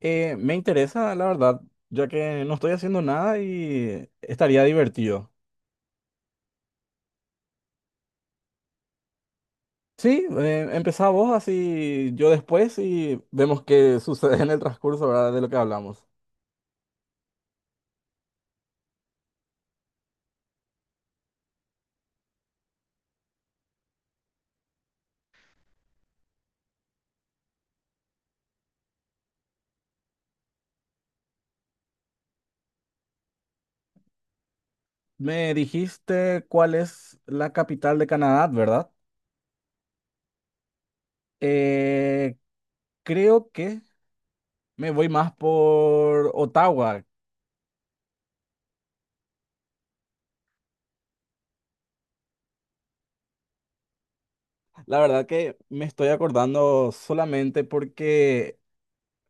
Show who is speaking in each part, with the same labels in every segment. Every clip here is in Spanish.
Speaker 1: Me interesa, la verdad, ya que no estoy haciendo nada y estaría divertido. Sí, empezá vos así yo después y vemos qué sucede en el transcurso, ¿verdad? De lo que hablamos. Me dijiste cuál es la capital de Canadá, ¿verdad? Eh, Creo que me voy más por Ottawa. La verdad que me estoy acordando solamente porque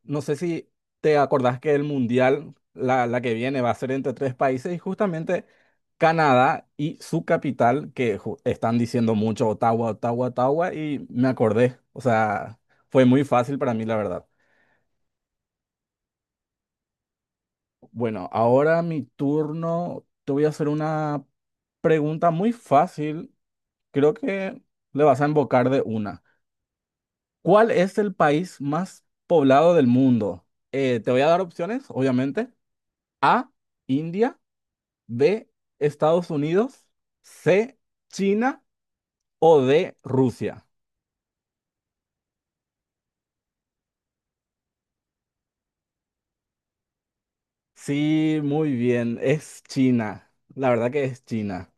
Speaker 1: no sé si te acordás que el mundial, la que viene, va a ser entre tres países y justamente Canadá y su capital, que están diciendo mucho Ottawa, Ottawa, Ottawa, y me acordé. O sea, fue muy fácil para mí, la verdad. Bueno, ahora mi turno, te voy a hacer una pregunta muy fácil. Creo que le vas a embocar de una. ¿Cuál es el país más poblado del mundo? Te voy a dar opciones, obviamente. A, India. B, Estados Unidos. C, China. O D, Rusia. Sí, muy bien, es China. La verdad que es China.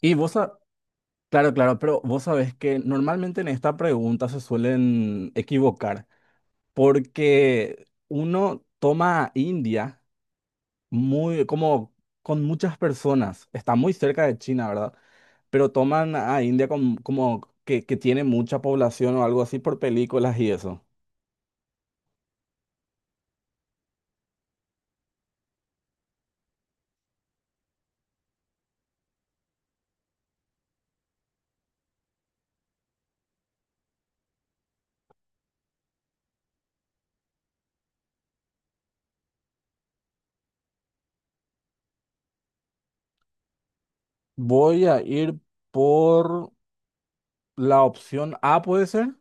Speaker 1: Y vos, claro, claro, pero vos sabés que normalmente en esta pregunta se suelen equivocar porque uno toma a India muy, como con muchas personas, está muy cerca de China, ¿verdad? Pero toman a India como que tiene mucha población o algo así por películas y eso. Voy a ir por la opción A, ¿puede ser?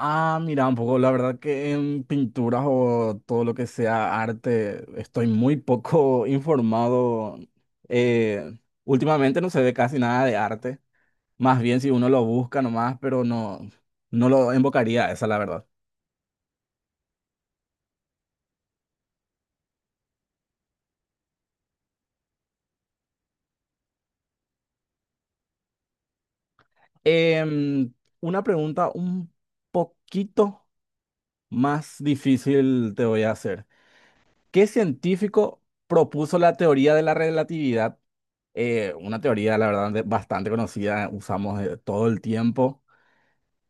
Speaker 1: Ah, mira, un poco, la verdad que en pinturas o todo lo que sea arte estoy muy poco informado. Eh, Últimamente no se ve casi nada de arte. Más bien si uno lo busca nomás, pero no, no lo invocaría a esa, la verdad. Em, una pregunta un poquito más difícil te voy a hacer. ¿Qué científico propuso la teoría de la relatividad? Una teoría, la verdad, bastante conocida, usamos todo el tiempo.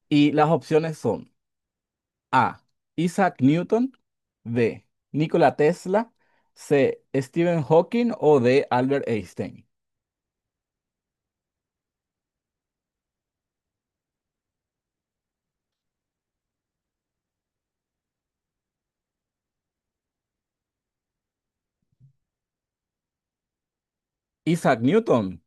Speaker 1: Y las opciones son A, Isaac Newton. B, Nikola Tesla. C, Stephen Hawking. O D, Albert Einstein. Isaac Newton.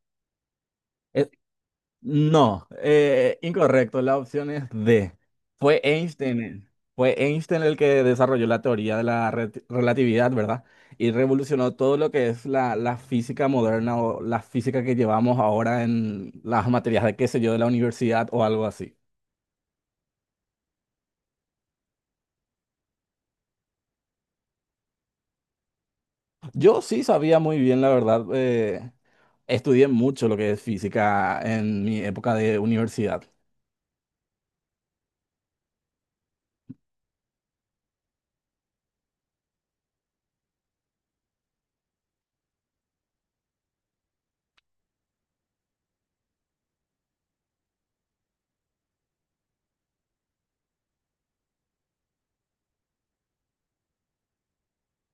Speaker 1: No, incorrecto. La opción es D. Fue Einstein, fue Einstein el que desarrolló la teoría de la relatividad, ¿verdad? Y revolucionó todo lo que es la física moderna o la física que llevamos ahora en las materias de, qué sé yo, de la universidad o algo así. Yo sí sabía muy bien, la verdad. Estudié mucho lo que es física en mi época de universidad.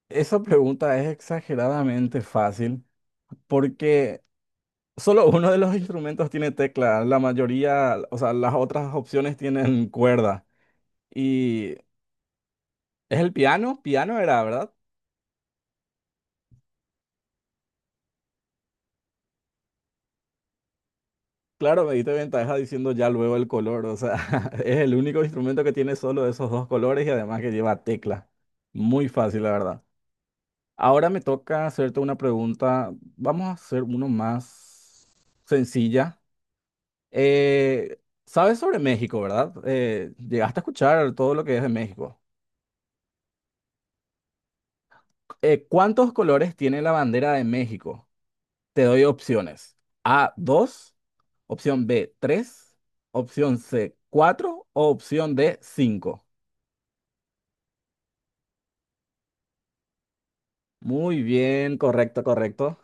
Speaker 1: Esa pregunta es exageradamente fácil porque... Solo uno de los instrumentos tiene tecla, la mayoría, o sea, las otras opciones tienen cuerda. Y es el piano, piano era, ¿verdad? Claro, me diste ventaja diciendo ya luego el color, o sea, es el único instrumento que tiene solo esos dos colores y además que lleva tecla. Muy fácil, la verdad. Ahora me toca hacerte una pregunta, vamos a hacer uno más sencilla. Eh, ¿Sabes sobre México, verdad? Llegaste a escuchar todo lo que es de México. ¿Cuántos colores tiene la bandera de México? Te doy opciones. A, dos. Opción B, tres. Opción C, cuatro. O opción D, 5. Muy bien, correcto, correcto.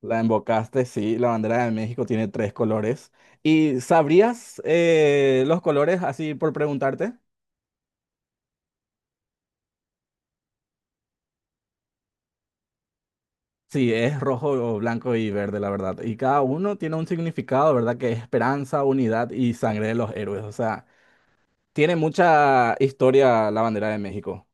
Speaker 1: La embocaste, sí, la bandera de México tiene tres colores. ¿Y sabrías los colores así por preguntarte? Sí, es rojo, blanco y verde, la verdad. Y cada uno tiene un significado, ¿verdad? Que es esperanza, unidad y sangre de los héroes. O sea, tiene mucha historia la bandera de México.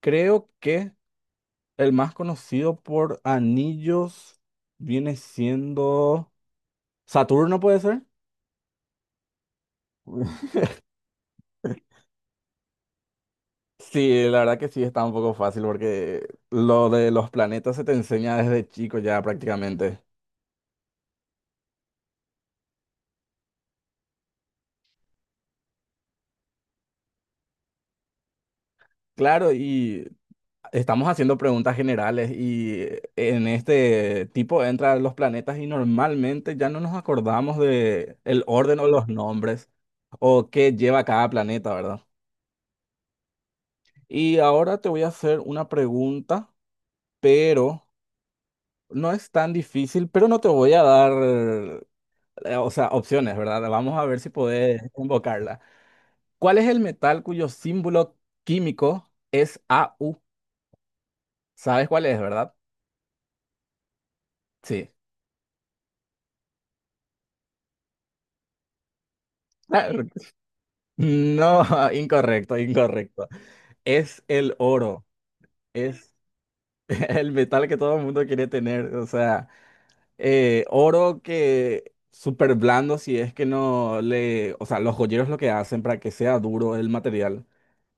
Speaker 1: Creo que el más conocido por anillos viene siendo Saturno, ¿puede ser? Sí, la verdad que sí, está un poco fácil porque lo de los planetas se te enseña desde chico ya prácticamente. Claro, y estamos haciendo preguntas generales y en este tipo entran los planetas y normalmente ya no nos acordamos de el orden o los nombres o qué lleva cada planeta, ¿verdad? Y ahora te voy a hacer una pregunta, pero no es tan difícil, pero no te voy a dar, o sea, opciones, ¿verdad? Vamos a ver si podés invocarla. ¿Cuál es el metal cuyo símbolo químico es AU? ¿Sabes cuál es, verdad? Sí. No, incorrecto, incorrecto. Es el oro, es el metal que todo el mundo quiere tener. O sea, oro que súper blando si es que no le... O sea, los joyeros lo que hacen para que sea duro el material,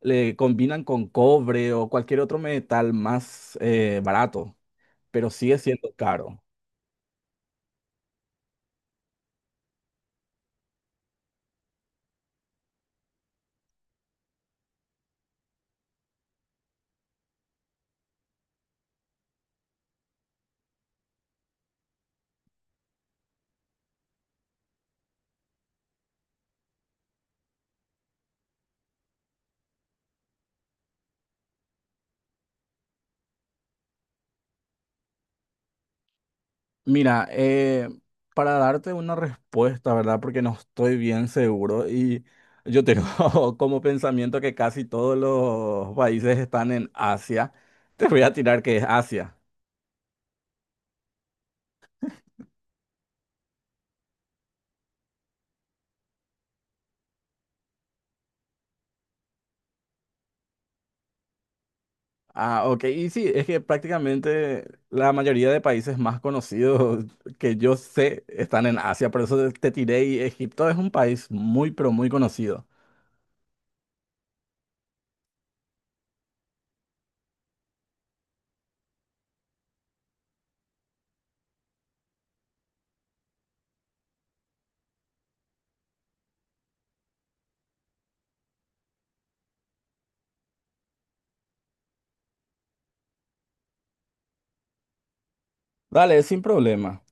Speaker 1: le combinan con cobre o cualquier otro metal más barato, pero sigue siendo caro. Mira, para darte una respuesta, ¿verdad? Porque no estoy bien seguro y yo tengo como pensamiento que casi todos los países están en Asia. Te voy a tirar que es Asia. Ah, ok. Y sí, es que prácticamente la mayoría de países más conocidos que yo sé están en Asia. Por eso te tiré y Egipto es un país muy, pero muy conocido. Dale, sin problema.